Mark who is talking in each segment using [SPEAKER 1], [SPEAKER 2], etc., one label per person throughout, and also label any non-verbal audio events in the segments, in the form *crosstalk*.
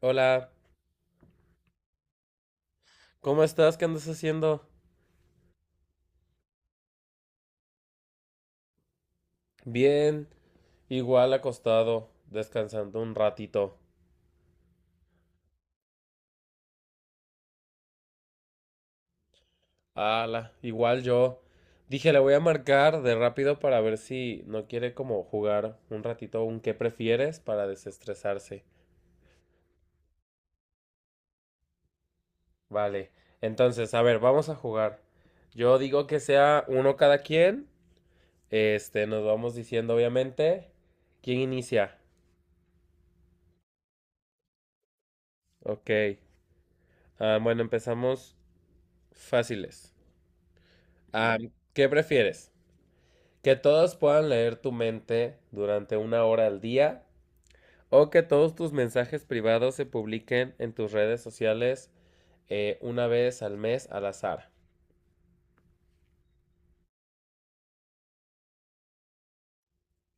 [SPEAKER 1] Hola, ¿cómo estás? ¿Qué andas haciendo? Bien, igual acostado, descansando un ratito. Ala, igual yo. Dije, le voy a marcar de rápido para ver si no quiere como jugar un ratito un qué prefieres para desestresarse. Vale, entonces, a ver, vamos a jugar. Yo digo que sea uno cada quien. Este, nos vamos diciendo, obviamente. ¿Quién inicia? Ok. Ah, bueno, empezamos fáciles. Ah, ¿qué prefieres? Que todos puedan leer tu mente durante una hora al día o que todos tus mensajes privados se publiquen en tus redes sociales una vez al mes al azar.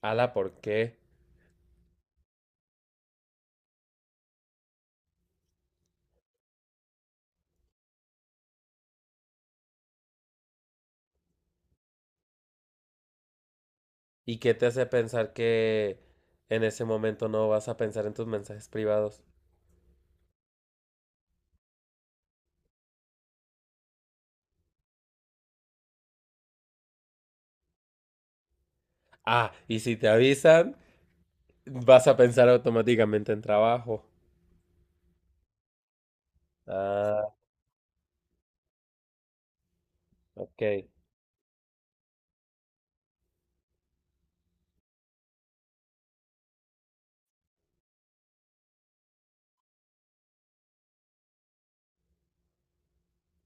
[SPEAKER 1] Ala, ¿por qué? ¿Y qué te hace pensar que en ese momento no vas a pensar en tus mensajes privados? Ah, y si te avisan, vas a pensar automáticamente en trabajo. Ah, ok.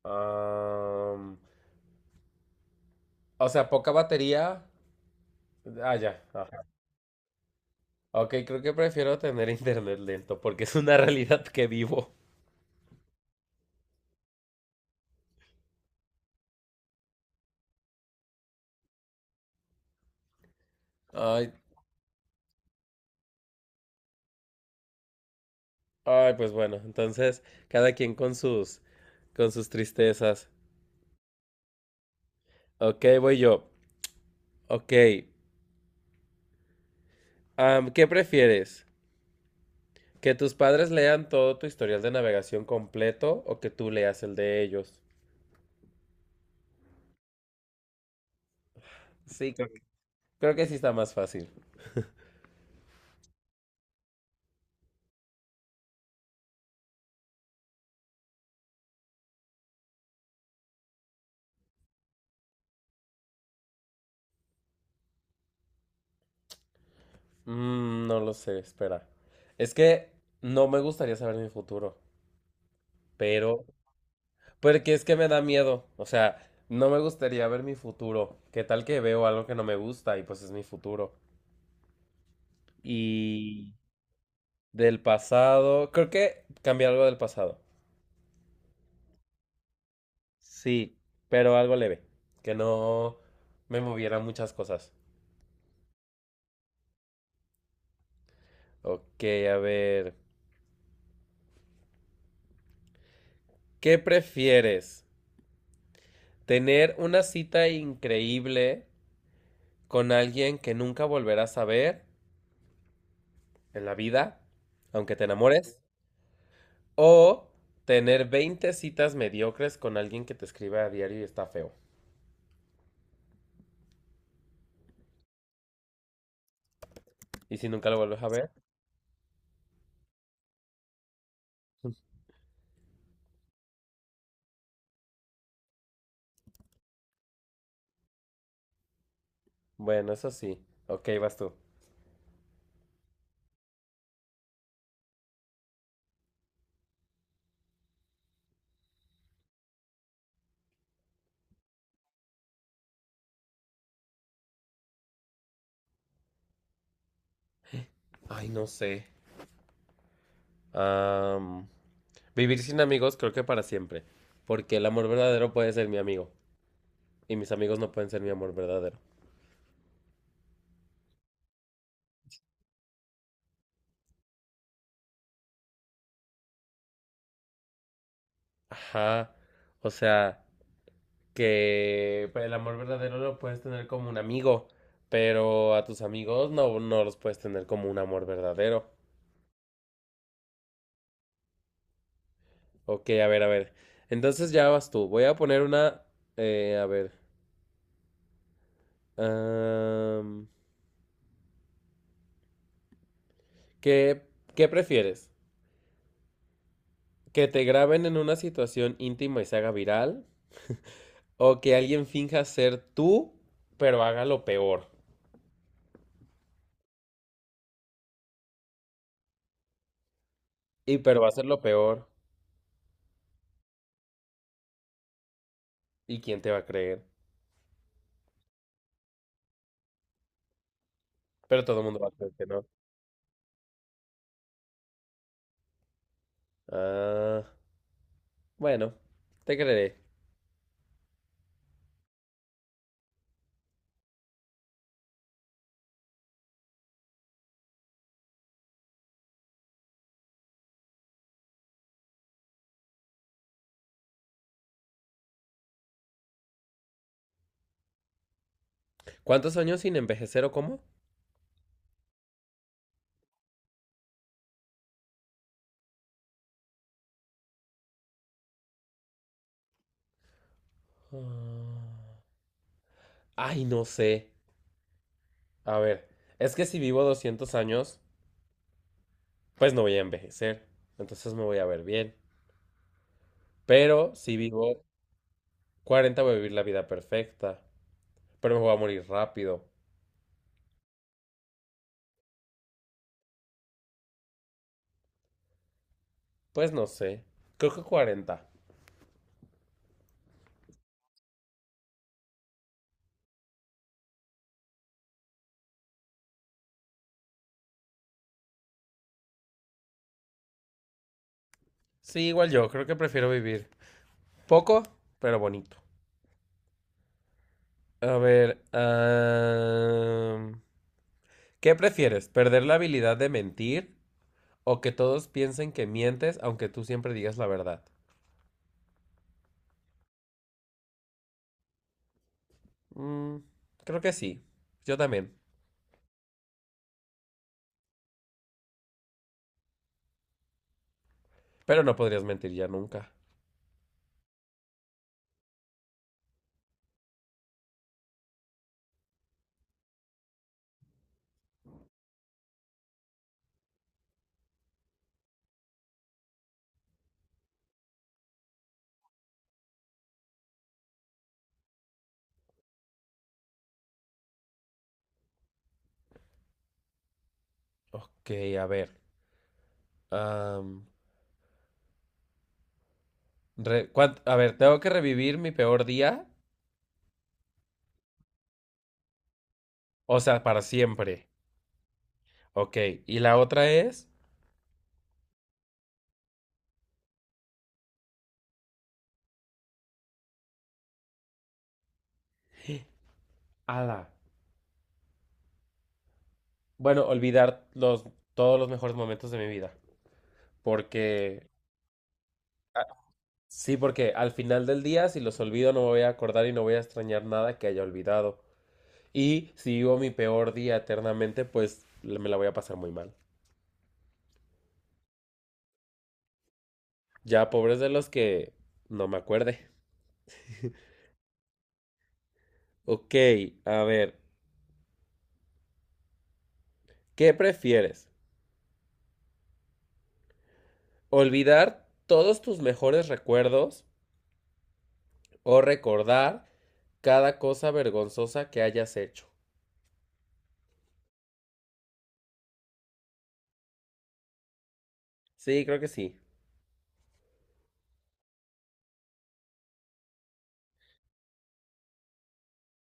[SPEAKER 1] Am, o sea, poca batería. Ah, ya. Ah. Ok, creo que prefiero tener internet lento porque es una *laughs* realidad que vivo. Ay, ay, pues bueno, entonces cada quien con sus tristezas. Ok, voy yo. Ok, ¿qué prefieres? ¿Que tus padres lean todo tu historial de navegación completo o que tú leas el de ellos? Sí, creo que sí está más fácil. Mm, no lo sé, espera. Es que no me gustaría saber mi futuro, pero porque es que me da miedo. O sea, no me gustaría ver mi futuro. ¿Qué tal que veo algo que no me gusta? Y pues es mi futuro. Y del pasado, creo que cambié algo del pasado. Sí, pero algo leve, que no me moviera muchas cosas. Ok, a ver. ¿Qué prefieres? ¿Tener una cita increíble con alguien que nunca volverás a ver en la vida, aunque te enamores? O tener 20 citas mediocres con alguien que te escribe a diario y está feo. Y si nunca lo vuelves a ver, bueno, eso sí. Ok, vas tú. Ay, no sé. Am, Vivir sin amigos creo que para siempre. Porque el amor verdadero puede ser mi amigo. Y mis amigos no pueden ser mi amor verdadero. Ajá. O sea, que pues, el amor verdadero lo puedes tener como un amigo. Pero a tus amigos no, no los puedes tener como un amor verdadero. Ok, a ver, a ver. Entonces ya vas tú. Voy a poner una... a ver. am, ¿qué, qué prefieres? ¿Que te graben en una situación íntima y se haga viral? ¿O que alguien finja ser tú, pero haga lo peor? Y pero va a ser lo peor. ¿Y quién te va a creer? Pero todo el mundo va a creer que no. Ah, bueno, te creeré. ¿Cuántos años sin envejecer o cómo? Ah, ay, no sé. A ver, es que si vivo 200 años... pues no voy a envejecer, entonces me voy a ver bien. Pero si vivo 40 voy a vivir la vida perfecta, pero me voy a morir rápido. Pues no sé, creo que 40. Sí, igual yo, creo que prefiero vivir poco, pero bonito. A ver, ¿qué prefieres? ¿Perder la habilidad de mentir o que todos piensen que mientes aunque tú siempre digas la verdad? Mm, Creo que sí, yo también, pero no podrías mentir ya nunca. Ok, a ver. am, a ver, tengo que revivir mi peor día. O sea, para siempre. Ok. Y la otra es. Ala. Bueno, olvidar todos los mejores momentos de mi vida. Porque ah, sí, porque al final del día, si los olvido, no me voy a acordar y no voy a extrañar nada que haya olvidado. Y si vivo mi peor día eternamente, pues me la voy a pasar muy mal. Ya, pobres de los que no me acuerde. Ok, a ver. ¿Qué prefieres? ¿Olvidar todos tus mejores recuerdos o recordar cada cosa vergonzosa que hayas hecho? Sí, creo que sí.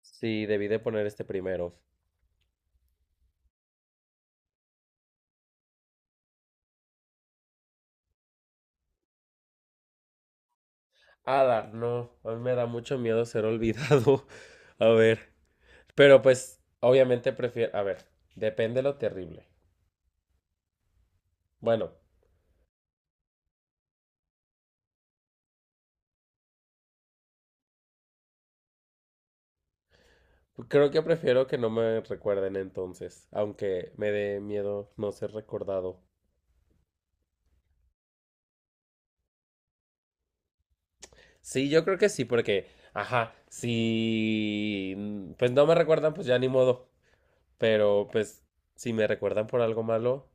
[SPEAKER 1] Sí, debí de poner este primero. Ada, no, a mí me da mucho miedo ser olvidado. *laughs* A ver, pero pues obviamente prefiero, a ver, depende lo terrible. Bueno, creo que prefiero que no me recuerden entonces, aunque me dé miedo no ser recordado. Sí, yo creo que sí, porque, ajá, si pues no me recuerdan, pues ya ni modo. Pero pues si me recuerdan por algo malo,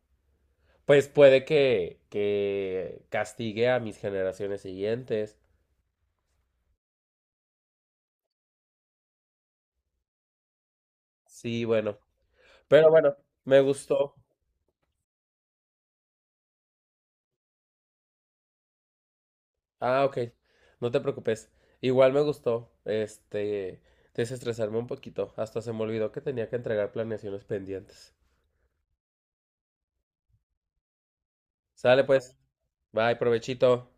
[SPEAKER 1] pues puede que castigue a mis generaciones siguientes. Sí, bueno. Pero bueno, me gustó. Ah, ok. No te preocupes. Igual me gustó, este, desestresarme un poquito. Hasta se me olvidó que tenía que entregar planeaciones pendientes. Sale pues. Bye, provechito.